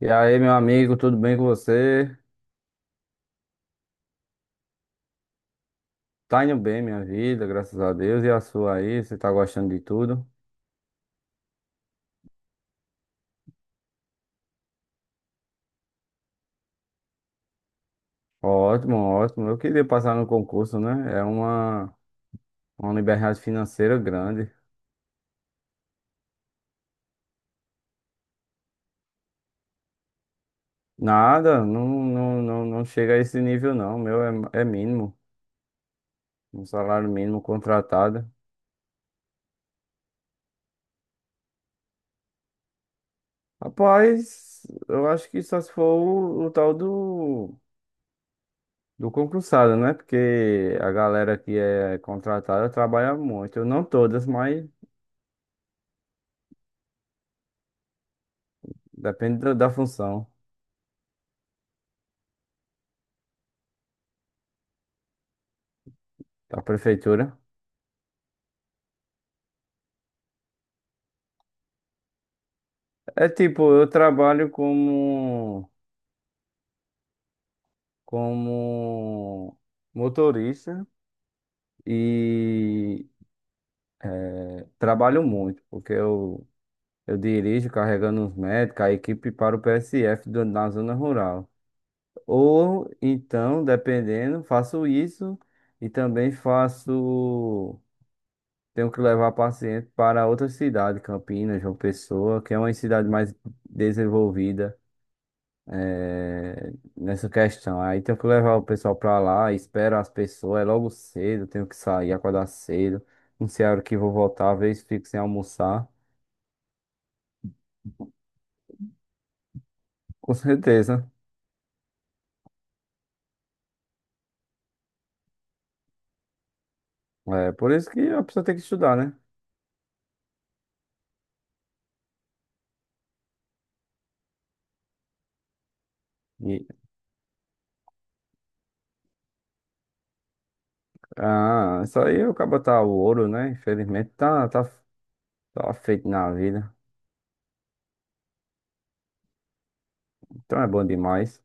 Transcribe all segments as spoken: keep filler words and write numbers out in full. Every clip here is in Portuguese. E aí, meu amigo, tudo bem com você? Tá indo bem, minha vida, graças a Deus. E a sua aí? Você tá gostando de tudo? Ótimo, ótimo. Eu queria passar no concurso, né? É uma, uma liberdade financeira grande. Nada, não, não, não, não chega a esse nível, não. O meu é, é mínimo, um salário mínimo contratado. Rapaz, eu acho que só se for o, o tal do, do concursado, né? Porque a galera que é contratada trabalha muito. Não todas, mas. Depende da, da função da prefeitura. É tipo, eu trabalho como, como motorista e é, trabalho muito, porque eu, eu dirijo carregando os médicos, a equipe para o P S F do- na zona rural. Ou então, dependendo, faço isso e também faço. Tenho que levar paciente para outra cidade, Campinas, João Pessoa, que é uma cidade mais desenvolvida eh, nessa questão. Aí tenho que levar o pessoal pra lá, espero as pessoas, é logo cedo, tenho que sair, acordar cedo. Não sei a hora que vou voltar, às vezes fico sem almoçar. Com certeza. É por isso que a pessoa tem que estudar, né? E, ah, isso aí o cabo tá o ouro, né? Infelizmente tá, tá, tá feito na vida. Então é bom demais.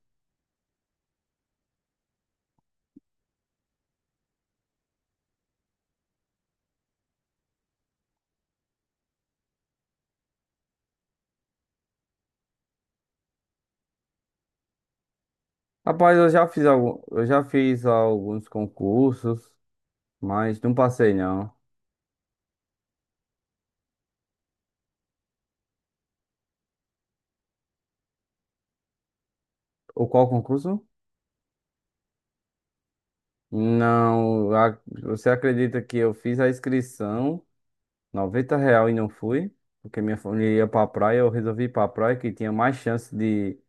Rapaz, eu já fiz algum, eu já fiz alguns concursos, mas não passei não. O qual concurso? Não, a- você acredita que eu fiz a inscrição, noventa real e não fui? Porque minha família ia pra praia, eu resolvi ir pra praia que tinha mais chance de.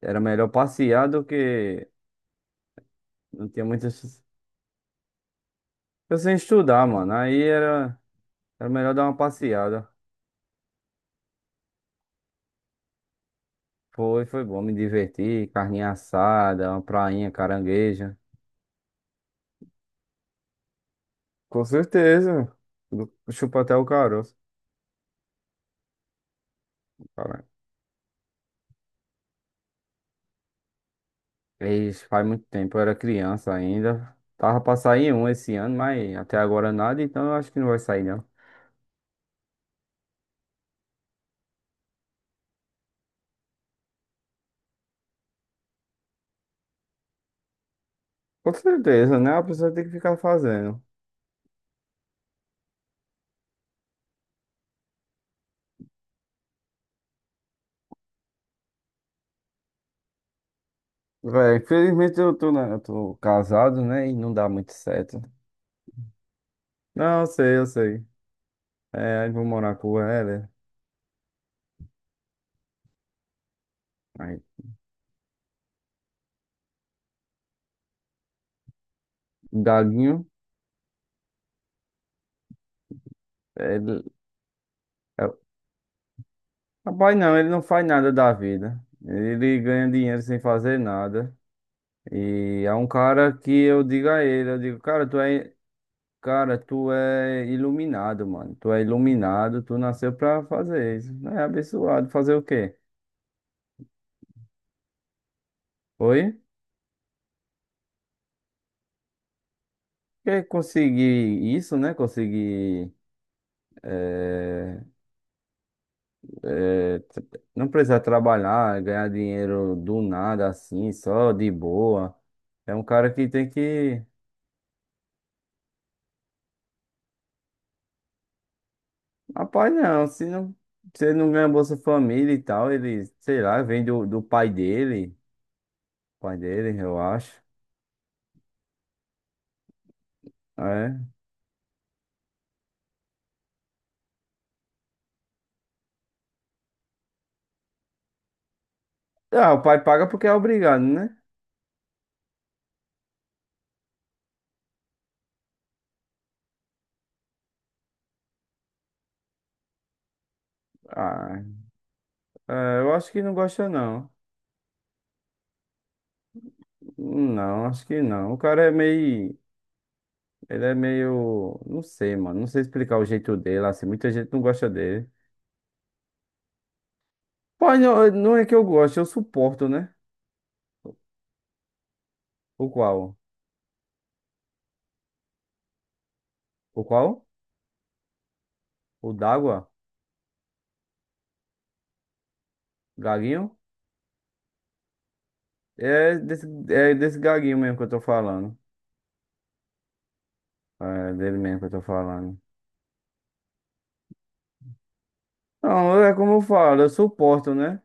Era melhor passear do que. Não tinha muita chance. Eu sem estudar, mano. Aí era, era melhor dar uma passeada. Foi, foi bom, me divertir, carninha assada, uma prainha, caranguejo. Com certeza. Chupa até o caroço. Isso faz muito tempo, eu era criança ainda. Tava pra sair um esse ano, mas até agora nada, então eu acho que não vai sair, não. Com certeza, né? A pessoa tem que ficar fazendo. Véi, infelizmente eu tô, na- eu tô casado, né? E não dá muito certo. Não, eu sei, eu sei. É, aí vou morar com ela. Aí, o Galinho, ele, é, rapaz, não, ele não faz nada da vida. Ele ganha dinheiro sem fazer nada. E é um cara que eu digo a ele, eu digo, cara, tu é. Cara, tu é iluminado, mano. Tu é iluminado, tu nasceu pra fazer isso. É abençoado. Fazer o quê? Oi? Quer conseguir isso, né? Conseguir. eh, eh, tra- não precisar trabalhar, ganhar dinheiro do nada assim, só de boa. É um cara que tem que. Rapaz, não. Se não, se ele não ganha Bolsa Família e tal, ele, sei lá, vem do, do pai dele. Pai dele, eu acho. É. Ah, o pai paga porque é obrigado, né? Ah, é, eu acho que não gosta, não. Não, acho que não. O cara é meio. Ele é meio. Não sei, mano. Não sei explicar o jeito dele, assim. Muita gente não gosta dele. Pô, não, não é que eu gosto, eu suporto, né? O qual? O qual? O d'água? Gaguinho? É desse, é desse gaguinho mesmo que eu tô falando. É dele mesmo que eu tô falando. Não, é como eu falo, eu suporto, né?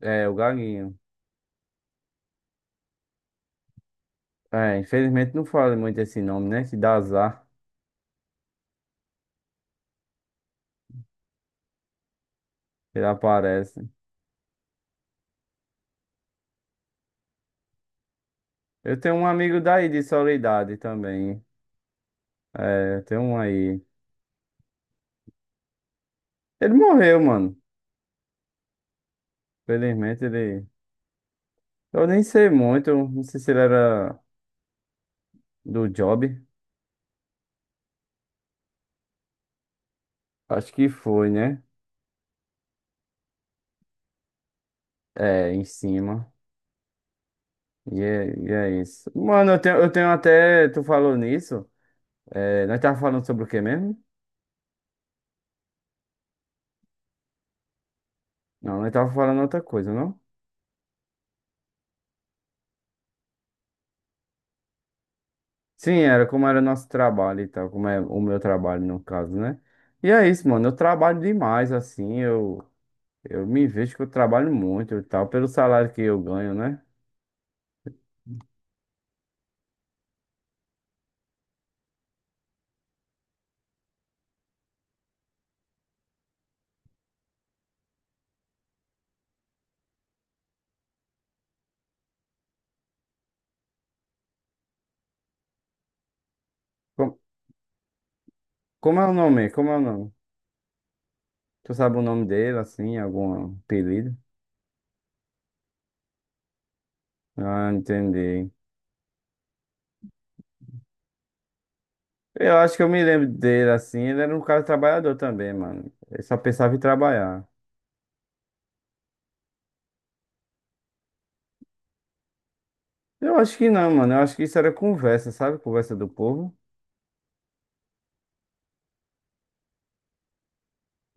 É, o gaguinho. É, infelizmente não falo muito esse nome, né? Que dá azar, ele aparece. Eu tenho um amigo daí de Soledade também. É, tem um aí. Ele morreu, mano. Felizmente ele. Eu nem sei muito. Não sei se ele era do Job. Acho que foi, né? É, em cima. E é, e é isso. Mano, eu tenho, eu tenho até. Tu falou nisso. É, nós tava falando sobre o quê mesmo? Não, nós tava falando outra coisa, não? Sim, era como era nosso trabalho e tal. Como é o meu trabalho, no caso, né? E é isso, mano. Eu trabalho demais, assim. Eu. Eu me vejo que eu trabalho muito e tal, pelo salário que eu ganho, né? Com- Como, é o nome? Como é o nome? Tu sabe o nome dele, assim, algum apelido? Ah, entendi. Eu acho que eu me lembro dele, assim, ele era um cara trabalhador também, mano. Ele só pensava em trabalhar. Eu acho que não, mano. Eu acho que isso era conversa, sabe? Conversa do povo.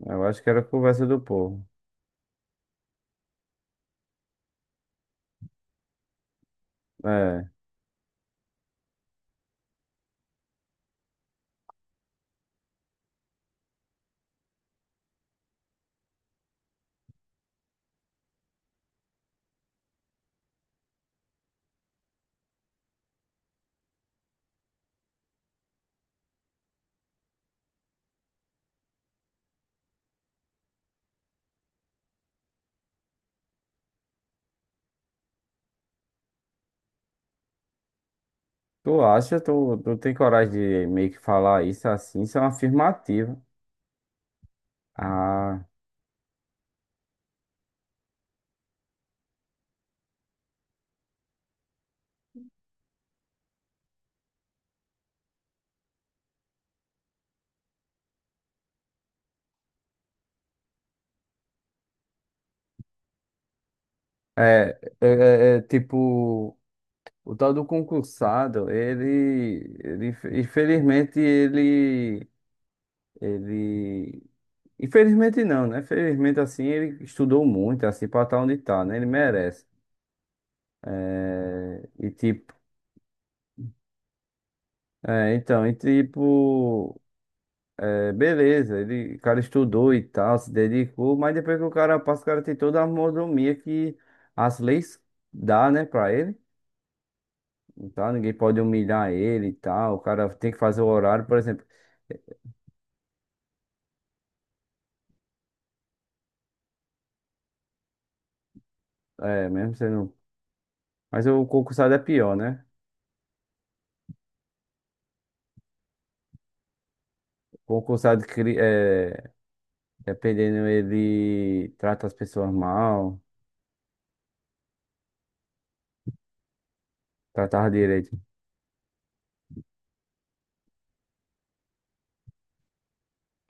Eu acho que era conversa do povo. É. Tu acha? Tu, tu tem coragem de meio que falar isso assim? Isso é uma afirmativa. Ah, é, é, é é, tipo. O tal do concursado, ele, ele, infelizmente, ele, ele, infelizmente não, né? Felizmente, assim, ele estudou muito, assim, pra estar onde tá, né? Ele merece. É, e tipo, é, então, e tipo, é, beleza, ele, o cara estudou e tal, se dedicou, mas depois que o cara passa, o cara tem toda a mordomia que as leis dá, né, pra ele. Então, ninguém pode humilhar ele e tal, o cara tem que fazer o horário, por exemplo. É, mesmo sendo. Mas o concursado é pior, né? O concursado, cri- é, dependendo, ele trata as pessoas mal, tratava direito.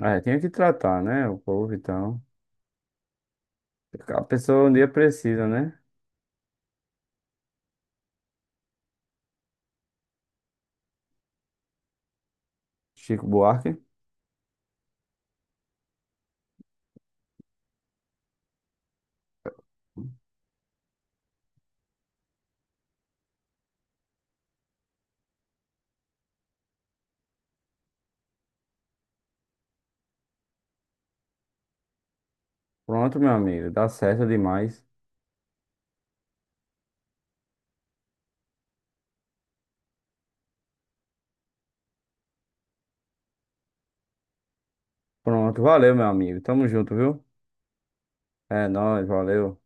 É, tinha que tratar, né? O povo, então. A pessoa um dia precisa, né? Chico Buarque. Pronto, meu amigo. Dá certo demais. Pronto, valeu, meu amigo. Tamo junto, viu? É nóis, valeu.